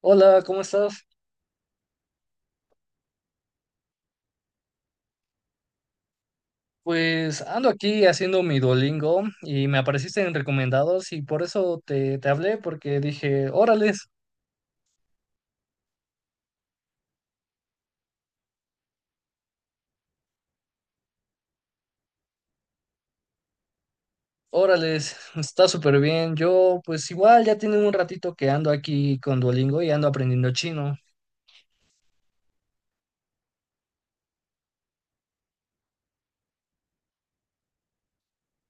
Hola, ¿cómo estás? Pues ando aquí haciendo mi Duolingo y me apareciste en recomendados y por eso te hablé porque dije, órales, órales, está súper bien. Yo pues igual ya tiene un ratito que ando aquí con Duolingo y ando aprendiendo chino.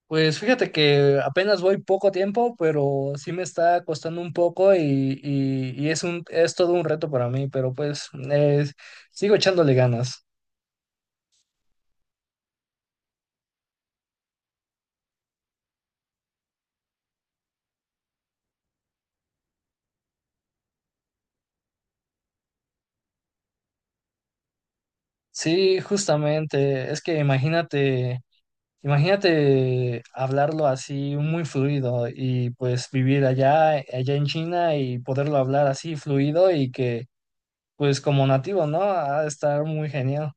Pues fíjate que apenas voy poco tiempo, pero sí me está costando un poco y es un, es todo un reto para mí, pero pues sigo echándole ganas. Sí, justamente, es que imagínate. Imagínate hablarlo así muy fluido y pues vivir allá en China y poderlo hablar así fluido y que pues como nativo, ¿no? Ha de estar muy genial.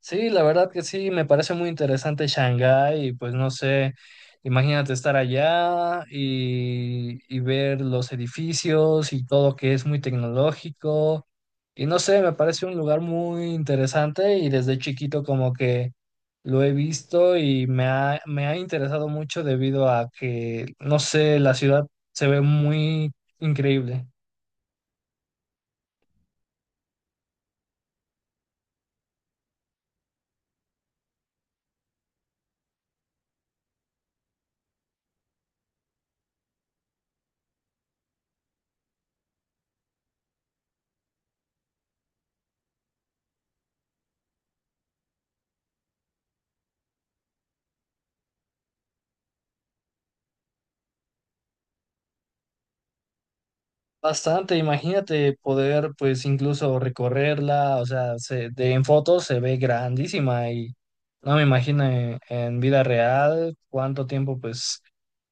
Sí, la verdad que sí, me parece muy interesante Shanghái y pues no sé, imagínate estar allá y ver los edificios y todo que es muy tecnológico y no sé, me parece un lugar muy interesante y desde chiquito como que lo he visto y me ha interesado mucho debido a que, no sé, la ciudad se ve muy increíble. Bastante, imagínate poder pues incluso recorrerla, o sea, en fotos se ve grandísima y no me imagino en vida real cuánto tiempo pues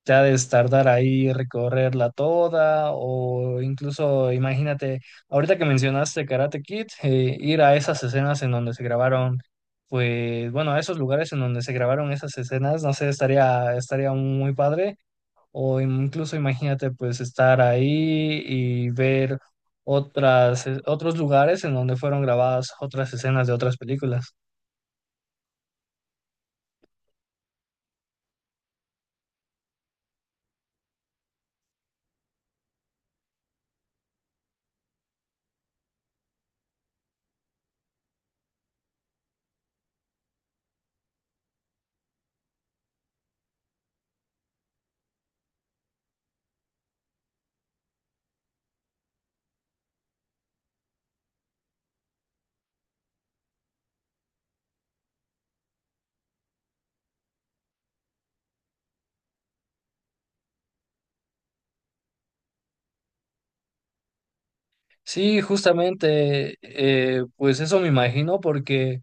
te ha de tardar ahí recorrerla toda o incluso imagínate, ahorita que mencionaste Karate Kid, ir a esas escenas en donde se grabaron, pues bueno, a esos lugares en donde se grabaron esas escenas, no sé, estaría muy padre. O incluso imagínate pues estar ahí y ver otras, otros lugares en donde fueron grabadas otras escenas de otras películas. Sí, justamente, pues eso me imagino porque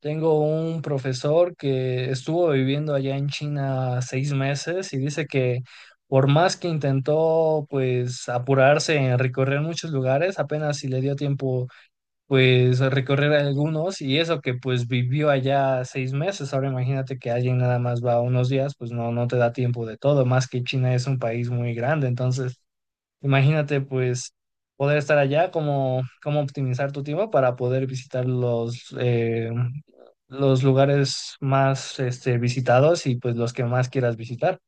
tengo un profesor que estuvo viviendo allá en China 6 meses y dice que por más que intentó pues apurarse en recorrer muchos lugares, apenas si le dio tiempo pues recorrer algunos y eso que pues vivió allá 6 meses. Ahora imagínate que alguien nada más va unos días, pues no, no te da tiempo de todo, más que China es un país muy grande. Entonces, imagínate pues poder estar allá, cómo, cómo optimizar tu tiempo para poder visitar los lugares más este, visitados y pues los que más quieras visitar.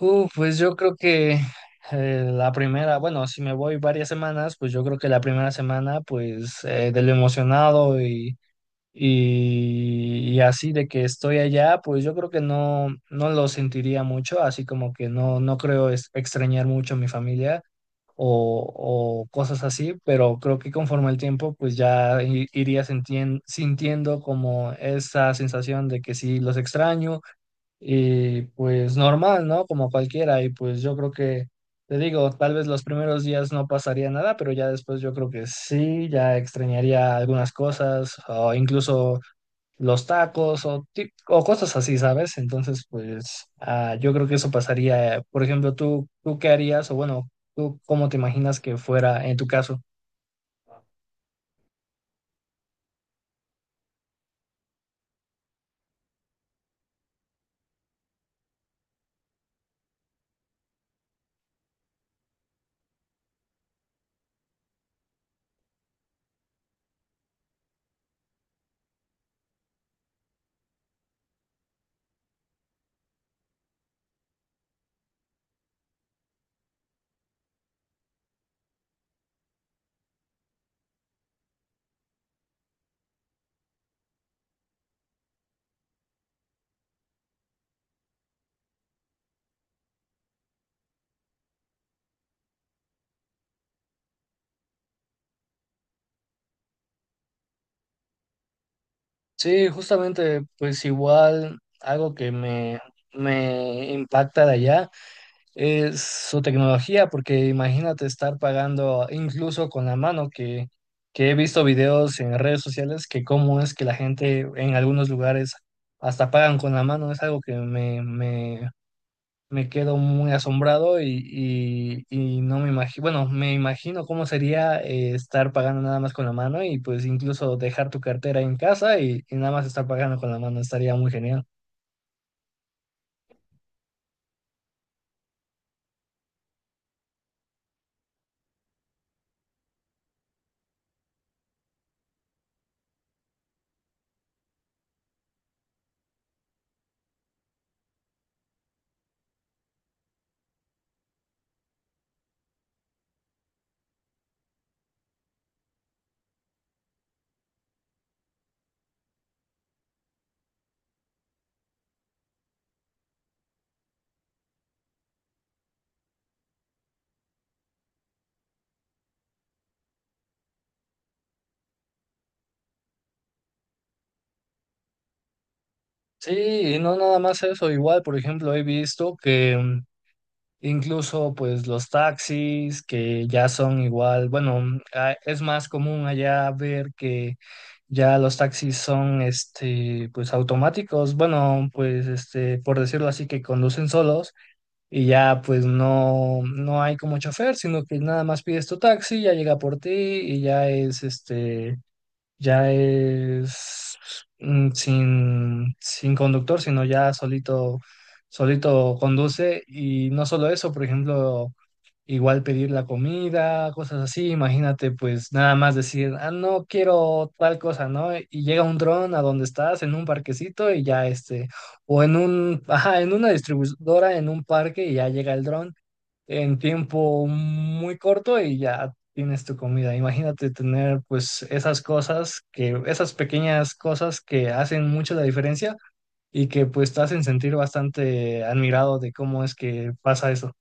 Pues yo creo que la primera, bueno, si me voy varias semanas, pues yo creo que la primera semana, pues de lo emocionado y así de que estoy allá, pues yo creo que no, no lo sentiría mucho, así como que no, extrañar mucho a mi familia o cosas así, pero creo que conforme el tiempo, pues ya iría sintiendo como esa sensación de que sí los extraño y pues normal, ¿no? Como cualquiera. Y pues yo creo que, te digo, tal vez los primeros días no pasaría nada, pero ya después yo creo que sí, ya extrañaría algunas cosas o incluso los tacos o cosas así, ¿sabes? Entonces, pues yo creo que eso pasaría. Por ejemplo, ¿tú qué harías? O bueno, ¿tú cómo te imaginas que fuera en tu caso? Sí, justamente, pues igual algo que me impacta de allá. Es su tecnología, porque imagínate estar pagando incluso con la mano, que he visto videos en redes sociales que cómo es que la gente en algunos lugares hasta pagan con la mano, es algo que me quedo muy asombrado y no me imagino, bueno, me imagino cómo sería estar pagando nada más con la mano y pues incluso dejar tu cartera en casa y nada más estar pagando con la mano, estaría muy genial. Sí, y no nada más eso, igual, por ejemplo, he visto que incluso pues los taxis que ya son igual, bueno, es más común allá ver que ya los taxis son este pues automáticos, bueno, pues este por decirlo así que conducen solos y ya pues no hay como chofer, sino que nada más pides tu taxi, ya llega por ti y ya es ya es sin conductor, sino ya solito, solito conduce. Y no solo eso, por ejemplo, igual pedir la comida, cosas así. Imagínate, pues nada más decir, ah, no quiero tal cosa, ¿no? Y llega un dron a donde estás, en un parquecito, y ya este, o en un, ajá, en una distribuidora, en un parque, y ya llega el dron en tiempo muy corto y ya tienes tu comida. Imagínate tener pues esas cosas que, esas pequeñas cosas que hacen mucho la diferencia y que pues te hacen sentir bastante admirado de cómo es que pasa eso.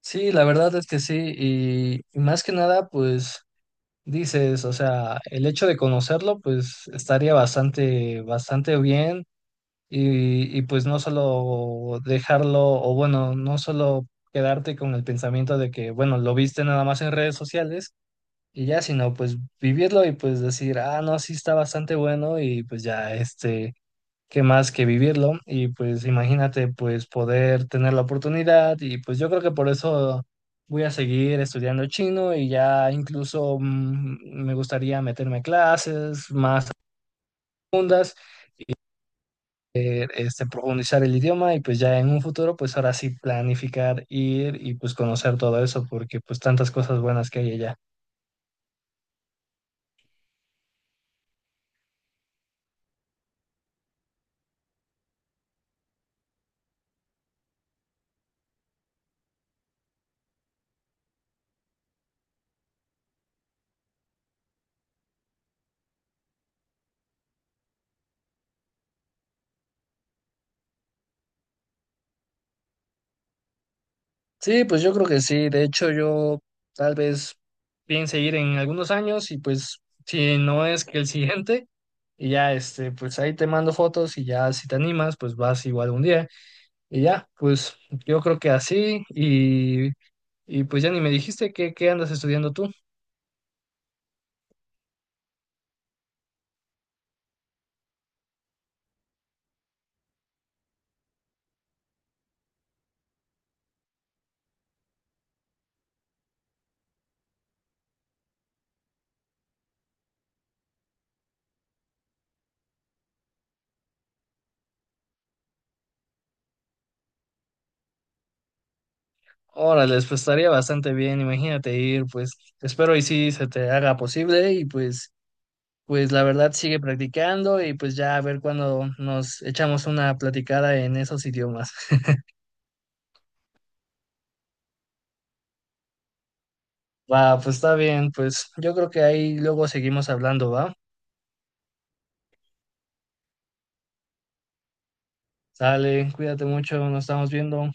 Sí, la verdad es que sí, y más que nada pues dices, o sea, el hecho de conocerlo pues estaría bastante bien y pues no solo dejarlo, o bueno, no solo quedarte con el pensamiento de que, bueno, lo viste nada más en redes sociales y ya, sino pues vivirlo y pues decir, ah, no, sí está bastante bueno y pues ya, este, qué más que vivirlo y pues imagínate pues poder tener la oportunidad y pues yo creo que por eso... Voy a seguir estudiando chino y ya incluso me gustaría meterme a clases más profundas este, profundizar el idioma y pues ya en un futuro, pues ahora sí planificar ir y pues conocer todo eso, porque pues tantas cosas buenas que hay allá. Sí, pues yo creo que sí. De hecho, yo tal vez piense ir en algunos años y pues si no es que el siguiente. Y ya, este, pues ahí te mando fotos y ya si te animas, pues vas igual un día. Y ya, pues yo creo que así y pues ya ni me dijiste que, qué andas estudiando tú. Órale, pues estaría bastante bien, imagínate ir, pues espero y sí se te haga posible y pues, pues la verdad sigue practicando y pues ya a ver cuando nos echamos una platicada en esos idiomas. Va, pues está bien, pues yo creo que ahí luego seguimos hablando, ¿va? Sale, cuídate mucho, nos estamos viendo.